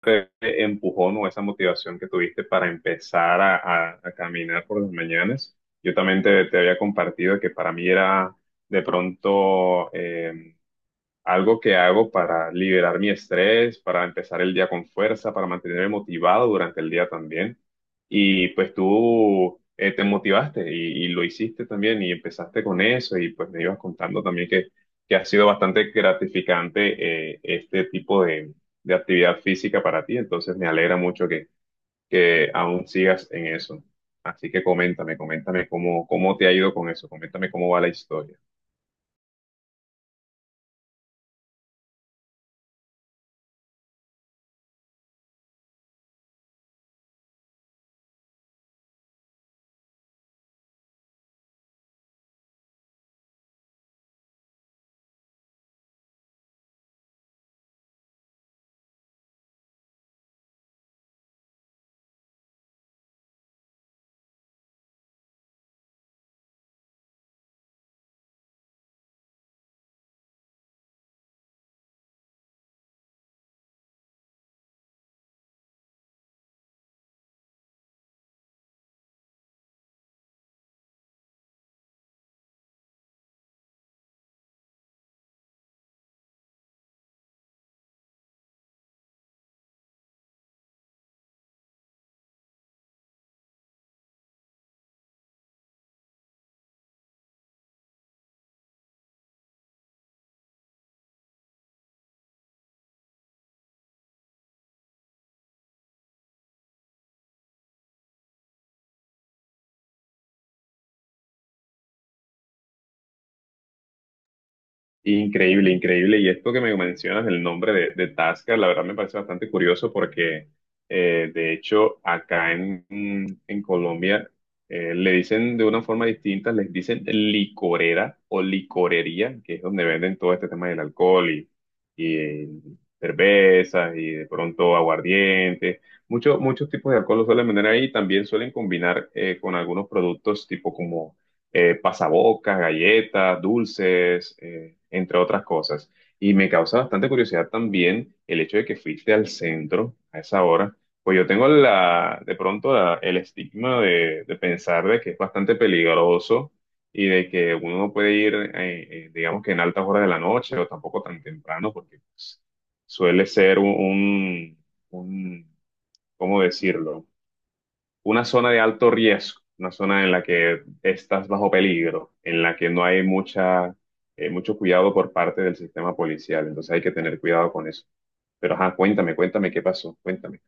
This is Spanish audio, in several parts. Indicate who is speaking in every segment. Speaker 1: Te empujón o esa motivación que tuviste para empezar a caminar por las mañanas. Yo también te había compartido que para mí era de pronto algo que hago para liberar mi estrés, para empezar el día con fuerza, para mantenerme motivado durante el día también. Y pues tú te motivaste y lo hiciste también y empezaste con eso y pues me ibas contando también que ha sido bastante gratificante este tipo de actividad física para ti. Entonces me alegra mucho que aún sigas en eso. Así que coméntame, coméntame cómo te ha ido con eso, coméntame cómo va la historia. Increíble, increíble. Y esto que me mencionas, el nombre de Tasca, la verdad me parece bastante curioso porque, de hecho, acá en Colombia le dicen de una forma distinta, les dicen licorera o licorería, que es donde venden todo este tema del alcohol y cervezas y de pronto aguardiente. Muchos muchos tipos de alcohol lo suelen vender ahí. También suelen combinar con algunos productos tipo como pasabocas, galletas, dulces, entre otras cosas. Y me causa bastante curiosidad también el hecho de que fuiste al centro a esa hora. Pues yo tengo la, de pronto el estigma de pensar de que es bastante peligroso y de que uno no puede ir, digamos que en altas horas de la noche o tampoco tan temprano, porque pues, suele ser un ¿cómo decirlo? Una zona de alto riesgo, una zona en la que estás bajo peligro, en la que no hay mucho cuidado por parte del sistema policial. Entonces hay que tener cuidado con eso. Pero ajá, cuéntame, cuéntame qué pasó, cuéntame.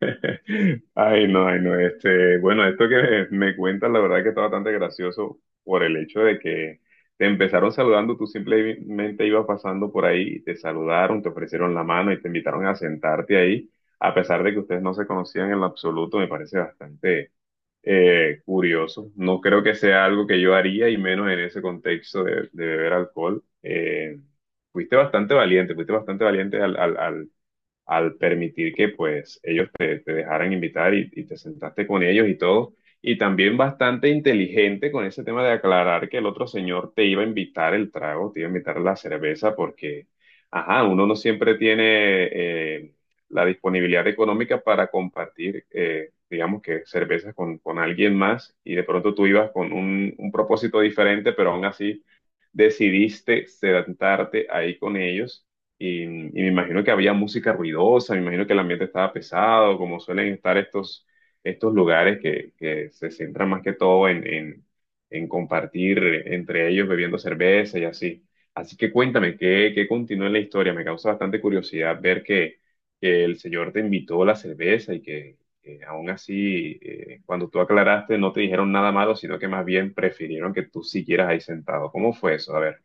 Speaker 1: Ay, no, este, bueno, esto que me cuentas, la verdad que está bastante gracioso por el hecho de que te empezaron saludando, tú simplemente ibas pasando por ahí, te saludaron, te ofrecieron la mano y te invitaron a sentarte ahí, a pesar de que ustedes no se conocían en lo absoluto, me parece bastante, curioso. No creo que sea algo que yo haría y menos en ese contexto de beber alcohol. Fuiste bastante valiente al permitir que pues ellos te dejaran invitar y te sentaste con ellos y todo. Y también bastante inteligente con ese tema de aclarar que el otro señor te iba a invitar el trago, te iba a invitar la cerveza, porque, ajá, uno no siempre tiene eh, la disponibilidad económica para compartir, digamos que cervezas con alguien más y de pronto tú ibas con un propósito diferente, pero aún así decidiste sentarte ahí con ellos y me imagino que había música ruidosa, me imagino que el ambiente estaba pesado, como suelen estar estos lugares que se centran más que todo en compartir entre ellos bebiendo cerveza y así. Así que cuéntame, ¿qué, qué continúa en la historia? Me causa bastante curiosidad ver que el Señor te invitó la cerveza y que, aún así, cuando tú aclaraste, no te dijeron nada malo, sino que más bien prefirieron que tú siguieras ahí sentado. ¿Cómo fue eso? A ver.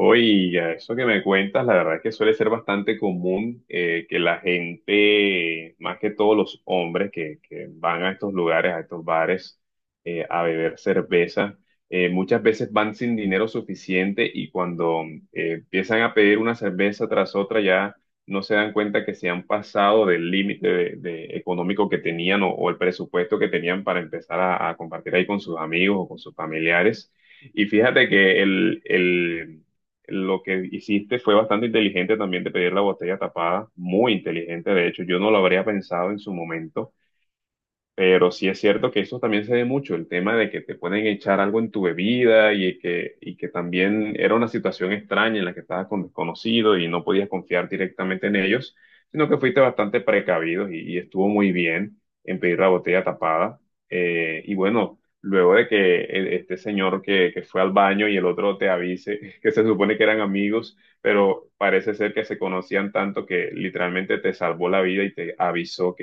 Speaker 1: Oiga, eso que me cuentas, la verdad es que suele ser bastante común que la gente, más que todos los hombres que van a estos lugares, a estos bares, a beber cerveza, muchas veces van sin dinero suficiente y cuando empiezan a pedir una cerveza tras otra ya no se dan cuenta que se han pasado del límite de económico que tenían o el presupuesto que tenían para empezar a compartir ahí con sus amigos o con sus familiares. Y fíjate que lo que hiciste fue bastante inteligente también de pedir la botella tapada, muy inteligente, de hecho, yo no lo habría pensado en su momento. Pero sí es cierto que eso también se ve mucho, el tema de que te pueden echar algo en tu bebida y que también era una situación extraña en la que estabas con desconocidos y no podías confiar directamente en ellos, sino que fuiste bastante precavido y estuvo muy bien en pedir la botella tapada. Y bueno, luego de que este señor que fue al baño y el otro te avise que se supone que eran amigos, pero parece ser que se conocían tanto que literalmente te salvó la vida y te avisó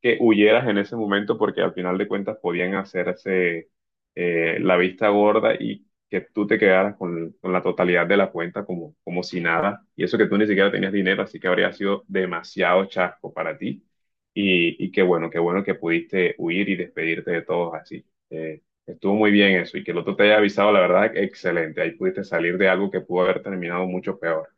Speaker 1: que huyeras en ese momento porque al final de cuentas podían hacerse la vista gorda y que tú te quedaras con la totalidad de la cuenta como, como si nada. Y eso que tú ni siquiera tenías dinero, así que habría sido demasiado chasco para ti. Y qué bueno que pudiste huir y despedirte de todos así. Estuvo muy bien eso y que el otro te haya avisado, la verdad, excelente. Ahí pudiste salir de algo que pudo haber terminado mucho peor.